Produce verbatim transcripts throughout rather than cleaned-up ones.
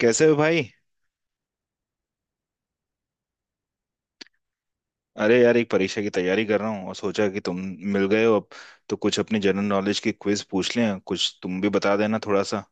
कैसे हो भाई। अरे यार एक परीक्षा की तैयारी कर रहा हूँ और सोचा कि तुम मिल गए हो अब तो कुछ अपनी जनरल नॉलेज की क्विज पूछ लें, कुछ तुम भी बता देना थोड़ा सा।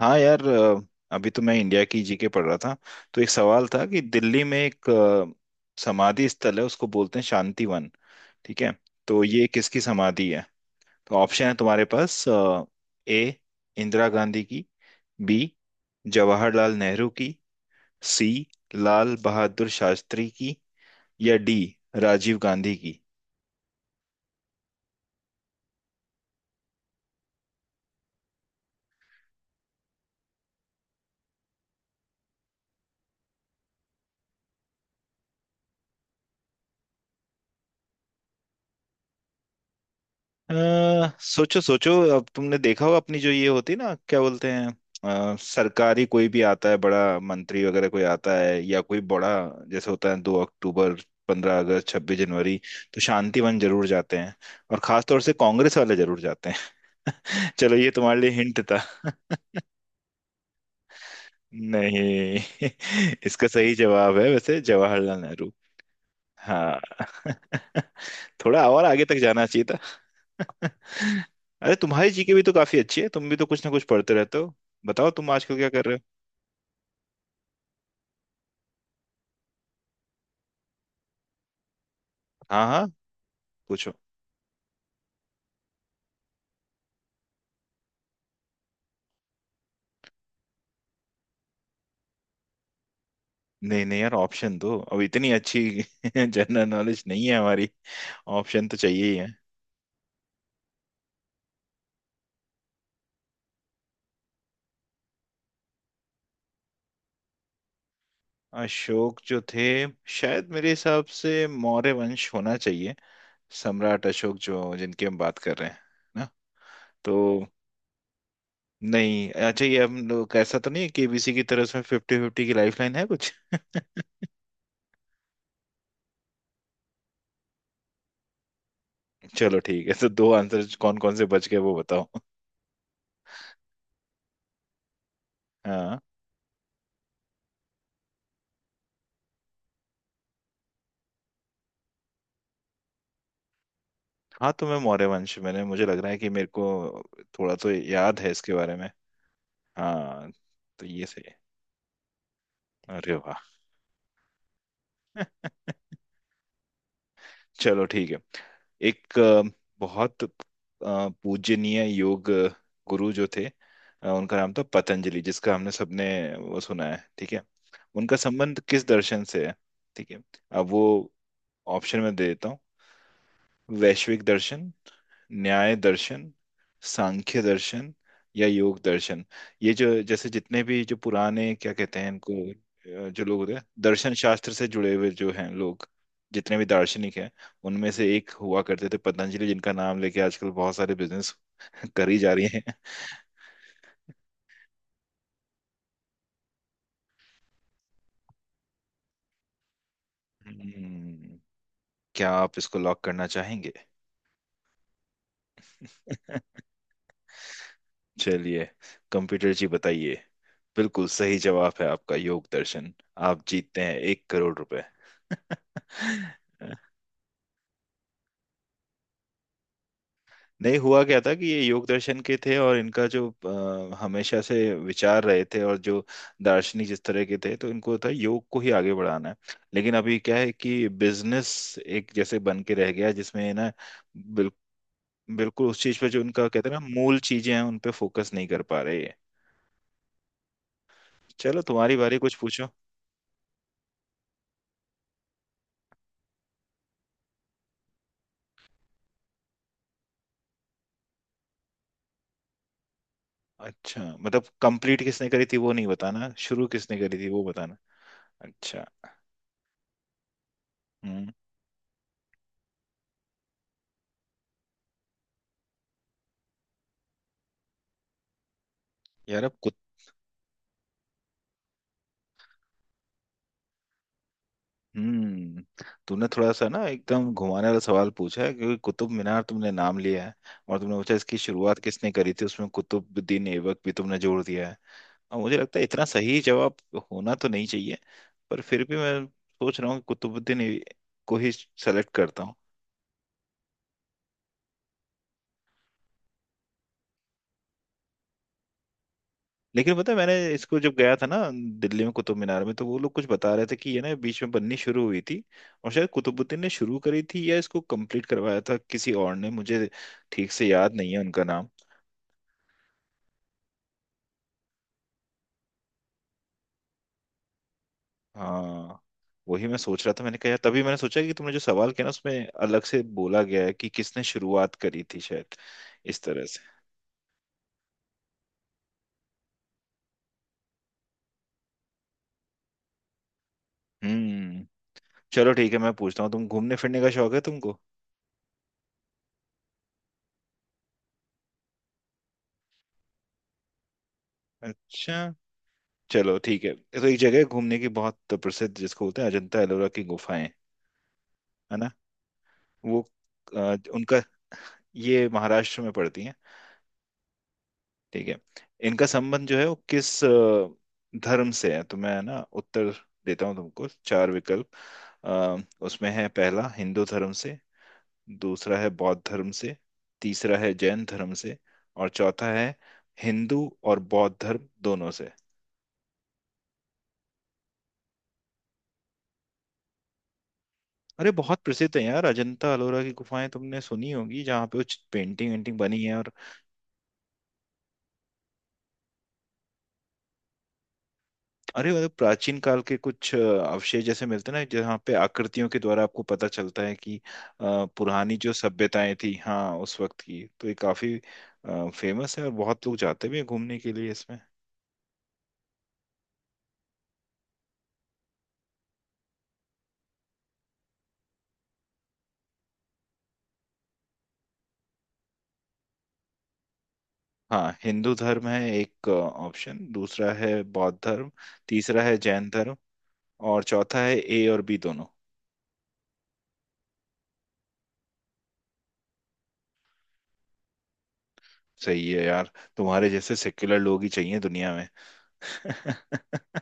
हाँ यार, अ, अभी तो मैं इंडिया की जीके पढ़ रहा था। तो एक सवाल था कि दिल्ली में एक अ, समाधि स्थल है उसको बोलते हैं शांतिवन। ठीक है। तो ये किसकी समाधि है? तो ऑप्शन है तुम्हारे पास। ए, इंदिरा गांधी की। बी, जवाहरलाल नेहरू की। सी, लाल बहादुर शास्त्री की। या डी, राजीव गांधी की। अ, सोचो सोचो। अब तुमने देखा होगा अपनी जो ये होती ना क्या बोलते हैं, अ, सरकारी कोई भी आता है, बड़ा मंत्री वगैरह कोई आता है या कोई बड़ा, जैसे होता है दो अक्टूबर, पंद्रह अगस्त, छब्बीस जनवरी। तो शांतिवन जरूर जाते हैं। और खास तौर से कांग्रेस वाले जरूर जाते हैं। चलो ये तुम्हारे लिए हिंट था। नहीं। इसका सही जवाब है वैसे जवाहरलाल नेहरू। हाँ। थोड़ा और आगे तक जाना चाहिए। अरे तुम्हारी जीके भी तो काफी अच्छी है, तुम भी तो कुछ ना कुछ पढ़ते रहते हो। बताओ तुम आजकल क्या कर रहे हो? हाँ हाँ, पूछो। नहीं नहीं यार, ऑप्शन दो, अब इतनी अच्छी जनरल नॉलेज नहीं है हमारी। ऑप्शन तो चाहिए ही है। अशोक जो थे, शायद मेरे हिसाब से मौर्य वंश होना चाहिए। सम्राट अशोक जो, जिनकी हम बात कर रहे हैं ना, तो। नहीं, अच्छा ये हम लोग ऐसा तो नहीं है, केबीसी की तरह से फिफ्टी फिफ्टी की लाइफ लाइन है कुछ। चलो ठीक है, तो दो आंसर कौन कौन से बच गए वो बताओ। हाँ। हाँ तो मैं मौर्य वंश, मैंने, मुझे लग रहा है कि मेरे को थोड़ा तो याद है इसके बारे में। हाँ। तो ये सही है, अरे वाह। चलो ठीक है। एक अ, बहुत अ, पूजनीय योग गुरु जो थे, अ, उनका नाम था पतंजलि, जिसका हमने सबने वो सुना है। ठीक है। उनका संबंध किस दर्शन से है? ठीक है। अब वो ऑप्शन में दे देता हूँ। वैश्विक दर्शन, न्याय दर्शन, सांख्य दर्शन या योग दर्शन। ये जो जैसे जितने भी जो पुराने क्या कहते हैं इनको, अ, जो लोग होते हैं दर्शन शास्त्र से जुड़े हुए, जो हैं लोग, जितने भी दार्शनिक हैं, उनमें से एक हुआ करते थे पतंजलि, जिनका नाम लेके आजकल बहुत सारे बिजनेस करी जा रही हैं। हम्म, क्या आप इसको लॉक करना चाहेंगे? चलिए। कंप्यूटर जी बताइए। बिल्कुल सही जवाब है आपका, योग दर्शन। आप जीतते हैं एक करोड़ रुपए। नहीं, हुआ क्या था कि ये योग दर्शन के थे, और इनका जो अ, हमेशा से विचार रहे थे, और जो दार्शनिक जिस तरह के थे, तो इनको था योग को ही आगे बढ़ाना है। लेकिन अभी क्या है कि बिजनेस एक जैसे बन के रह गया जिसमें ना बिल, बिल्कुल उस चीज पे, जो उनका कहते हैं ना मूल चीजें हैं, उन पे फोकस नहीं कर पा रहे ये। चलो तुम्हारी बारी, कुछ पूछो। अच्छा, मतलब कंप्लीट किसने करी थी वो नहीं बताना, शुरू किसने करी थी वो बताना। अच्छा। हम्म। यार अब कुत। हम्म। तूने थोड़ा सा ना एकदम घुमाने वाला सवाल पूछा है, क्योंकि कुतुब मीनार तुमने नाम लिया है, और तुमने पूछा इसकी शुरुआत किसने करी थी, उसमें कुतुबुद्दीन ऐबक भी तुमने जोड़ दिया है। और मुझे लगता है इतना सही जवाब होना तो नहीं चाहिए, पर फिर भी मैं सोच रहा हूँ कि कुतुबुद्दीन ऐ- को ही सेलेक्ट करता हूँ। लेकिन पता है, मैंने इसको जब गया था ना दिल्ली में कुतुब मीनार में, तो वो लोग कुछ बता रहे थे कि ये ना बीच में बननी शुरू हुई थी, और शायद कुतुबुद्दीन ने शुरू करी थी या इसको कंप्लीट करवाया था किसी और ने, मुझे ठीक से याद नहीं है उनका नाम। हाँ, वही मैं सोच रहा था, मैंने कहा यार तभी मैंने सोचा कि तुमने जो सवाल किया ना उसमें अलग से बोला गया है कि किसने शुरुआत करी थी, शायद इस तरह से। हम्म। चलो ठीक है, मैं पूछता हूँ। तुम घूमने फिरने का शौक है तुमको? अच्छा। चलो ठीक है, तो एक जगह है घूमने की बहुत प्रसिद्ध, जिसको बोलते हैं अजंता एलोरा की गुफाएं। है ना। वो अ, उनका, ये महाराष्ट्र में पड़ती हैं। ठीक है। इनका संबंध जो है वो किस अ, धर्म से है, तो मैं है ना उत्तर देता हूँ तुमको चार विकल्प। अ, उसमें है, पहला हिंदू धर्म से, दूसरा है बौद्ध धर्म से, तीसरा है जैन धर्म से, और चौथा है हिंदू और बौद्ध धर्म दोनों से। अरे बहुत प्रसिद्ध है यार, अजंता अलोरा की गुफाएं तुमने सुनी होगी, जहाँ पे कुछ पेंटिंग वेंटिंग बनी है। और अरे मतलब प्राचीन काल के कुछ अ, अवशेष जैसे मिलते हैं ना, जहाँ पे आकृतियों के द्वारा आपको पता चलता है कि अ, पुरानी जो सभ्यताएं थी, हाँ, उस वक्त की, तो ये काफी फेमस है और बहुत लोग जाते भी हैं घूमने के लिए इसमें। हाँ, हिंदू धर्म है एक ऑप्शन, दूसरा है बौद्ध धर्म, तीसरा है जैन धर्म, और चौथा है ए और बी दोनों। सही है यार, तुम्हारे जैसे सेक्युलर लोग ही चाहिए दुनिया।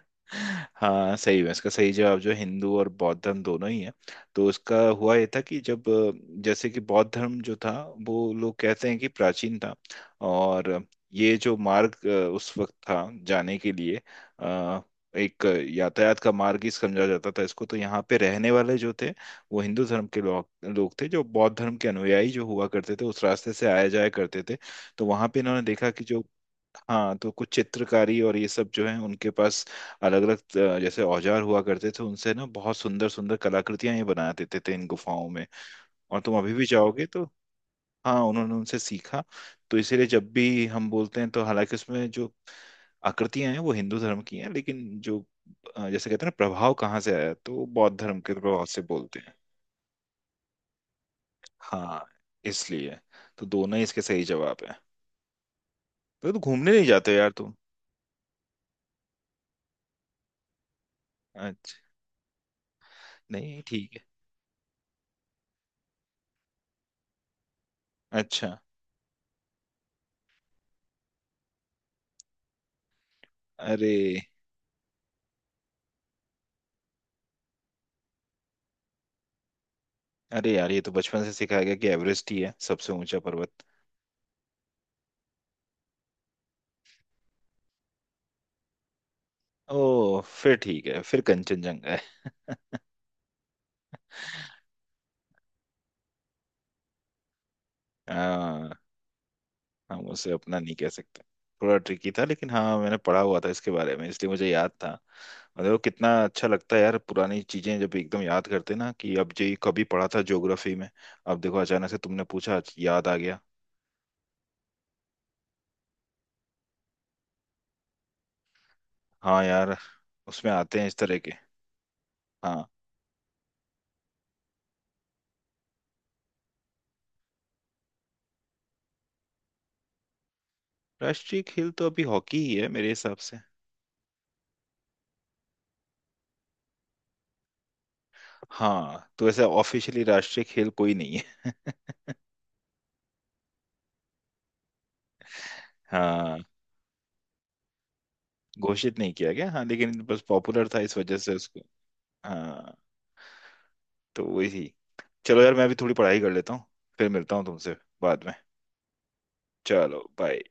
हाँ, सही है, इसका सही जवाब जो हिंदू और बौद्ध धर्म दोनों ही है। तो उसका हुआ ये था कि जब अ, जैसे कि बौद्ध धर्म जो था, वो लोग कहते हैं कि प्राचीन था। और ये जो मार्ग अ, उस वक्त था जाने के लिए, अ, एक यातायात का मार्ग ही समझा जाता था इसको। तो यहाँ पे रहने वाले जो थे वो हिंदू धर्म के लोग लोग थे। जो बौद्ध धर्म के अनुयायी जो हुआ करते थे, उस रास्ते से आया जाया करते थे। तो वहां पे इन्होंने देखा कि जो, हाँ, तो कुछ चित्रकारी और ये सब जो है उनके पास अलग अलग जैसे औजार हुआ करते थे, उनसे ना बहुत सुंदर सुंदर कलाकृतियां ये बना देते थे इन गुफाओं में। और तुम अभी भी जाओगे तो, हाँ उन्होंने उनसे सीखा। तो इसीलिए जब भी हम बोलते हैं, तो हालांकि उसमें जो आकृतियां हैं वो हिंदू धर्म की हैं, लेकिन जो अ, जैसे कहते हैं ना प्रभाव कहाँ से आया, तो वो बौद्ध धर्म के प्रभाव से बोलते हैं। हाँ, इसलिए। तो दोनों ही इसके सही जवाब है। तो, तो घूमने नहीं जाते यार तुम? अच्छा, नहीं ठीक है। अच्छा। अरे। अरे यार, ये तो बचपन से सिखाया गया कि एवरेस्ट ही है सबसे ऊंचा पर्वत। ओ फिर ठीक है, फिर कंचनजंगा है। हाँ, हम उसे अपना नहीं कह सकते। थोड़ा ट्रिकी था, लेकिन हाँ मैंने पढ़ा हुआ था इसके बारे में, इसलिए मुझे याद था। मतलब कितना अच्छा लगता है यार, पुरानी चीजें जब एकदम याद करते ना, कि अब जो ये कभी पढ़ा था ज्योग्राफी में, अब देखो अचानक से तुमने पूछा आज याद आ गया। हाँ यार, उसमें आते हैं इस तरह के। हाँ, राष्ट्रीय खेल तो अभी हॉकी ही है मेरे हिसाब से। हाँ, तो ऐसे ऑफिशियली राष्ट्रीय खेल कोई नहीं। हाँ, घोषित नहीं किया गया, हाँ, लेकिन बस पॉपुलर था इस वजह से उसको। हाँ, तो वही थी। चलो यार, मैं अभी थोड़ी पढ़ाई कर लेता हूँ, फिर मिलता हूँ तुमसे बाद में। चलो बाय।